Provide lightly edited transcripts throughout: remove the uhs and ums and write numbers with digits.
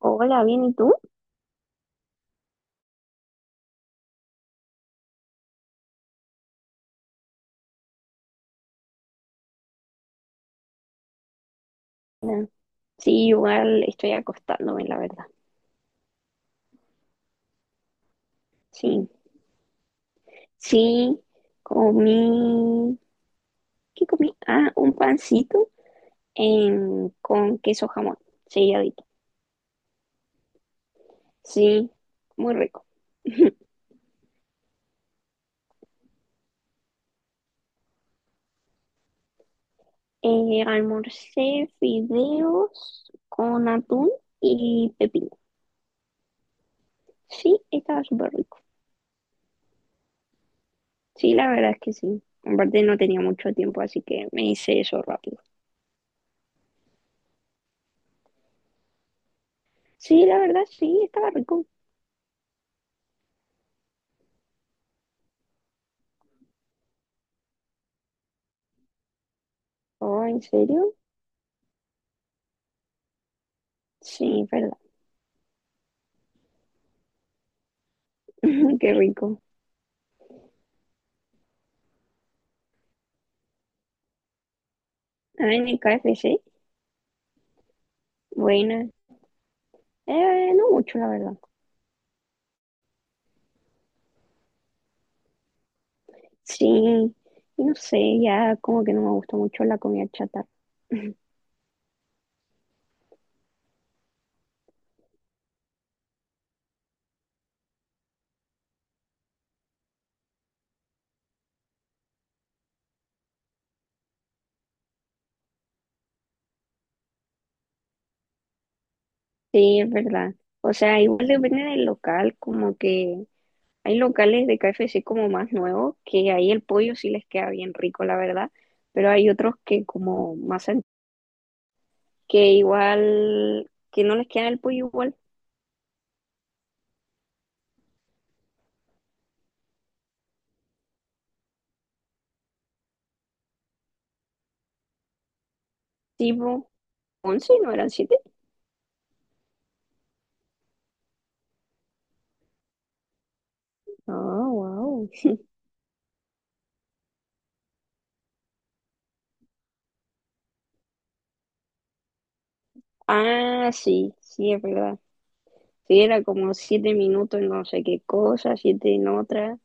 Hola, bien, ¿y tú? Ah, sí, igual estoy acostándome, la verdad. Sí, sí, comí, ¿qué comí? Ah, un pancito con queso jamón, selladito. Sí, muy rico. Almorcé fideos con atún y pepino. Sí, estaba súper rico. Sí, la verdad es que sí. Aparte no tenía mucho tiempo, así que me hice eso rápido. Sí, la verdad sí, estaba rico. Oh, ¿en serio? Sí. Qué rico. Ah, en el KFC. Buena. No mucho, la verdad. Sí. Y no sé, ya como que no me gusta mucho la comida chatarra. Sí, es verdad. O sea, igual depende del local, como que hay locales de KFC como más nuevos, que ahí el pollo sí les queda bien rico, la verdad, pero hay otros que como más que igual, que no les queda el pollo igual, tipo 11, ¿no eran siete? Ah, wow. Ah, sí, sí, es verdad. Sí, era como 7 minutos en no sé qué cosa, siete en otra.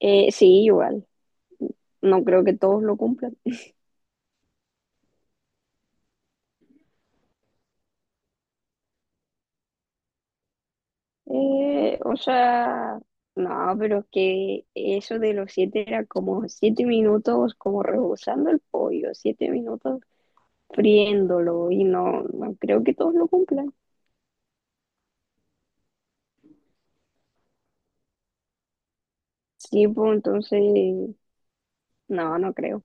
Sí, igual. No creo que todos lo cumplan. O sea, no, pero es que eso de los siete era como 7 minutos como rebozando el pollo, 7 minutos friéndolo y no, no creo que todos lo cumplan. Sí, pues entonces, no, no creo.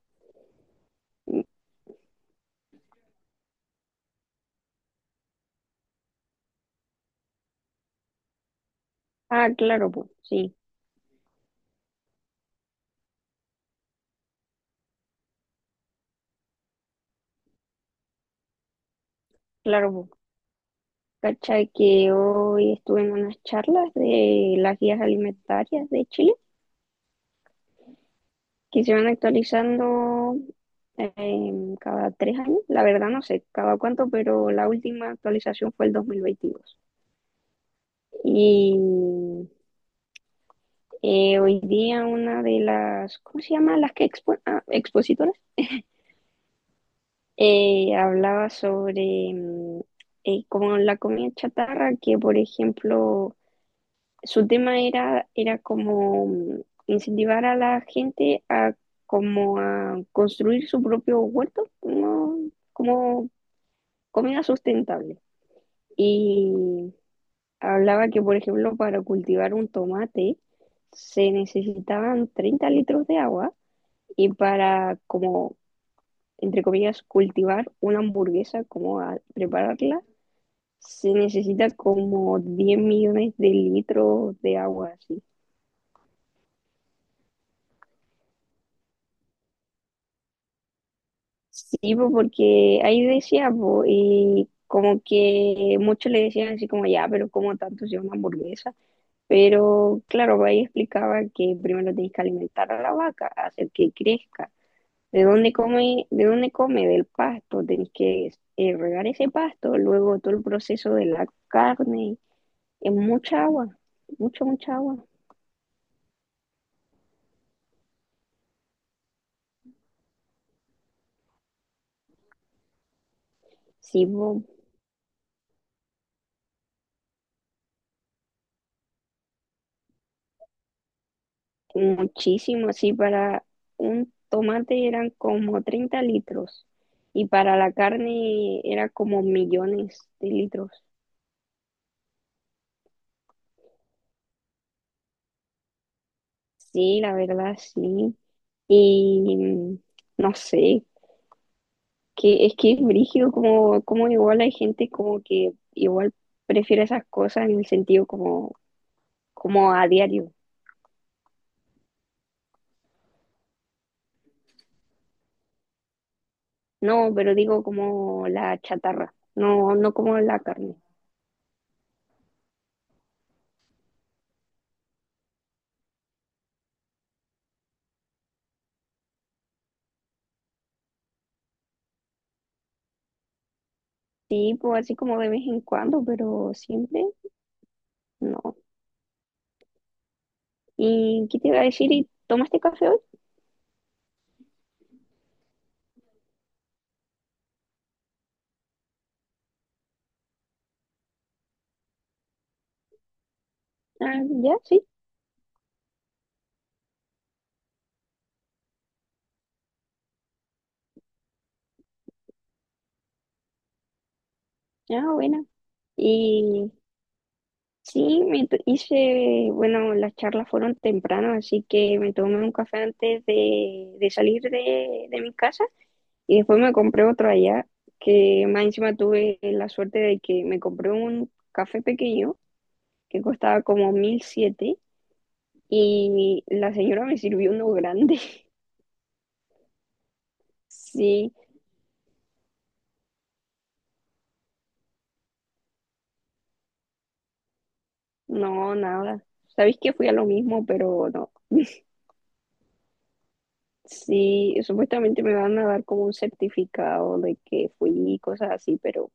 Ah, claro, pues, sí, claro, pues. Cacha que hoy estuve en unas charlas de las guías alimentarias de Chile, que se van actualizando cada 3 años. La verdad no sé cada cuánto, pero la última actualización fue el dos mil veintidós. Y hoy día una de las, ¿cómo se llama? Las que expositoras, hablaba sobre como la comida chatarra, que por ejemplo su tema era como incentivar a la gente a como a construir su propio huerto, ¿no? Como comida sustentable. Y hablaba que, por ejemplo, para cultivar un tomate se necesitaban 30 litros de agua y para, como, entre comillas, cultivar una hamburguesa, como a prepararla, se necesita como 10 millones de litros de agua, así. Sí, po, porque ahí decía, po, y como que muchos le decían así como, ya, pero ¿como tanto sea una hamburguesa? Pero claro, ahí explicaba que primero tenés que alimentar a la vaca, hacer que crezca. ¿De dónde come? ¿De dónde come? Del pasto. Tenés que regar ese pasto, luego todo el proceso de la carne. Es mucha agua, mucha, mucha agua. Sí, muchísimo. Sí, para un tomate eran como 30 litros y para la carne era como millones de litros. Sí, la verdad, sí. Y no sé. Que es que es brígido como igual hay gente como que igual prefiere esas cosas en el sentido como a diario. No, pero digo como la chatarra, no, no como la carne. Sí, pues así como de vez en cuando, pero siempre no. ¿Y qué te iba a decir? ¿Y tomaste café hoy? Ah, ya, sí. Ah, buena. Y sí, hice, bueno, las charlas fueron temprano, así que me tomé un café antes de salir de mi casa. Y después me compré otro allá, que más encima tuve la suerte de que me compré un café pequeño que costaba como 1.007 y la señora me sirvió uno grande. Sí, no, nada. Sabéis que fui a lo mismo, pero no. Sí, supuestamente me van a dar como un certificado de que fui y cosas así, pero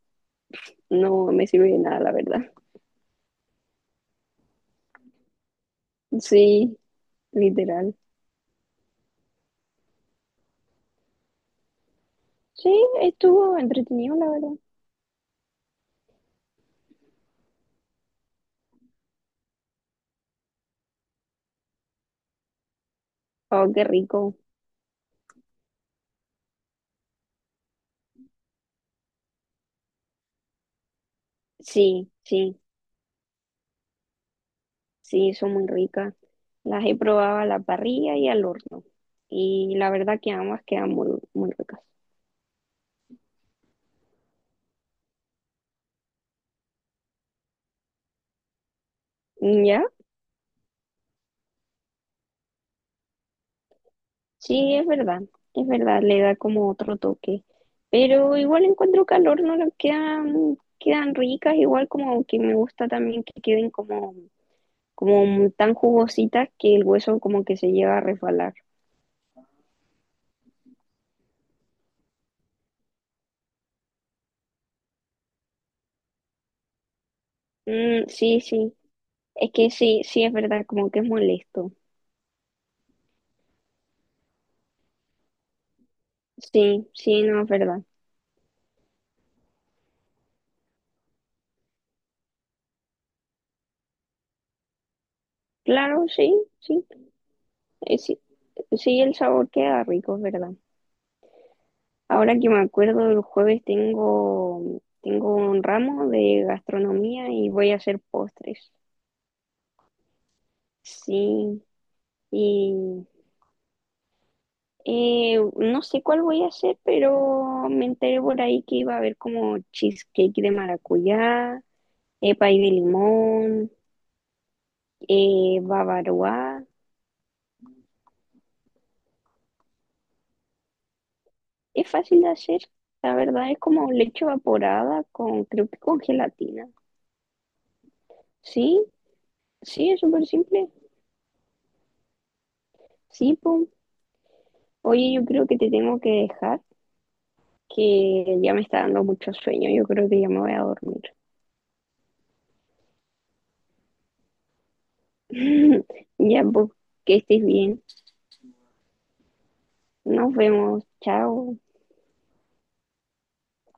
no me sirve de nada, la verdad. Sí, literal. Sí, estuvo entretenido, la verdad. Oh, qué rico. Sí, sí. Sí, son muy ricas. Las he probado a la parrilla y al horno. Y la verdad que ambas quedan muy, muy ricas. Mm, ¿ya? Sí, es verdad. Es verdad, le da como otro toque. Pero igual encuentro que al horno las quedan ricas, igual como que me gusta también que queden como tan jugositas que el hueso como que se llega a resbalar. Mm, sí, sí. Es que sí, sí es verdad, como que es molesto. Sí, sí, no es verdad. Claro, sí, sí. Sí. Sí, el sabor queda rico, es verdad. Ahora que me acuerdo, el jueves tengo un ramo de gastronomía y voy a hacer postres. Sí, y no sé cuál voy a hacer, pero me enteré por ahí que iba a haber como cheesecake de maracuyá, pay de limón, bavaroa. Es fácil de hacer, la verdad, es como leche evaporada con, creo que con gelatina. Sí, sí, es súper simple. Sí, po. Oye, yo creo que te tengo que dejar, que ya me está dando mucho sueño. Yo creo que ya me voy a dormir. Ya, pues, que estés bien. Nos vemos. Chao.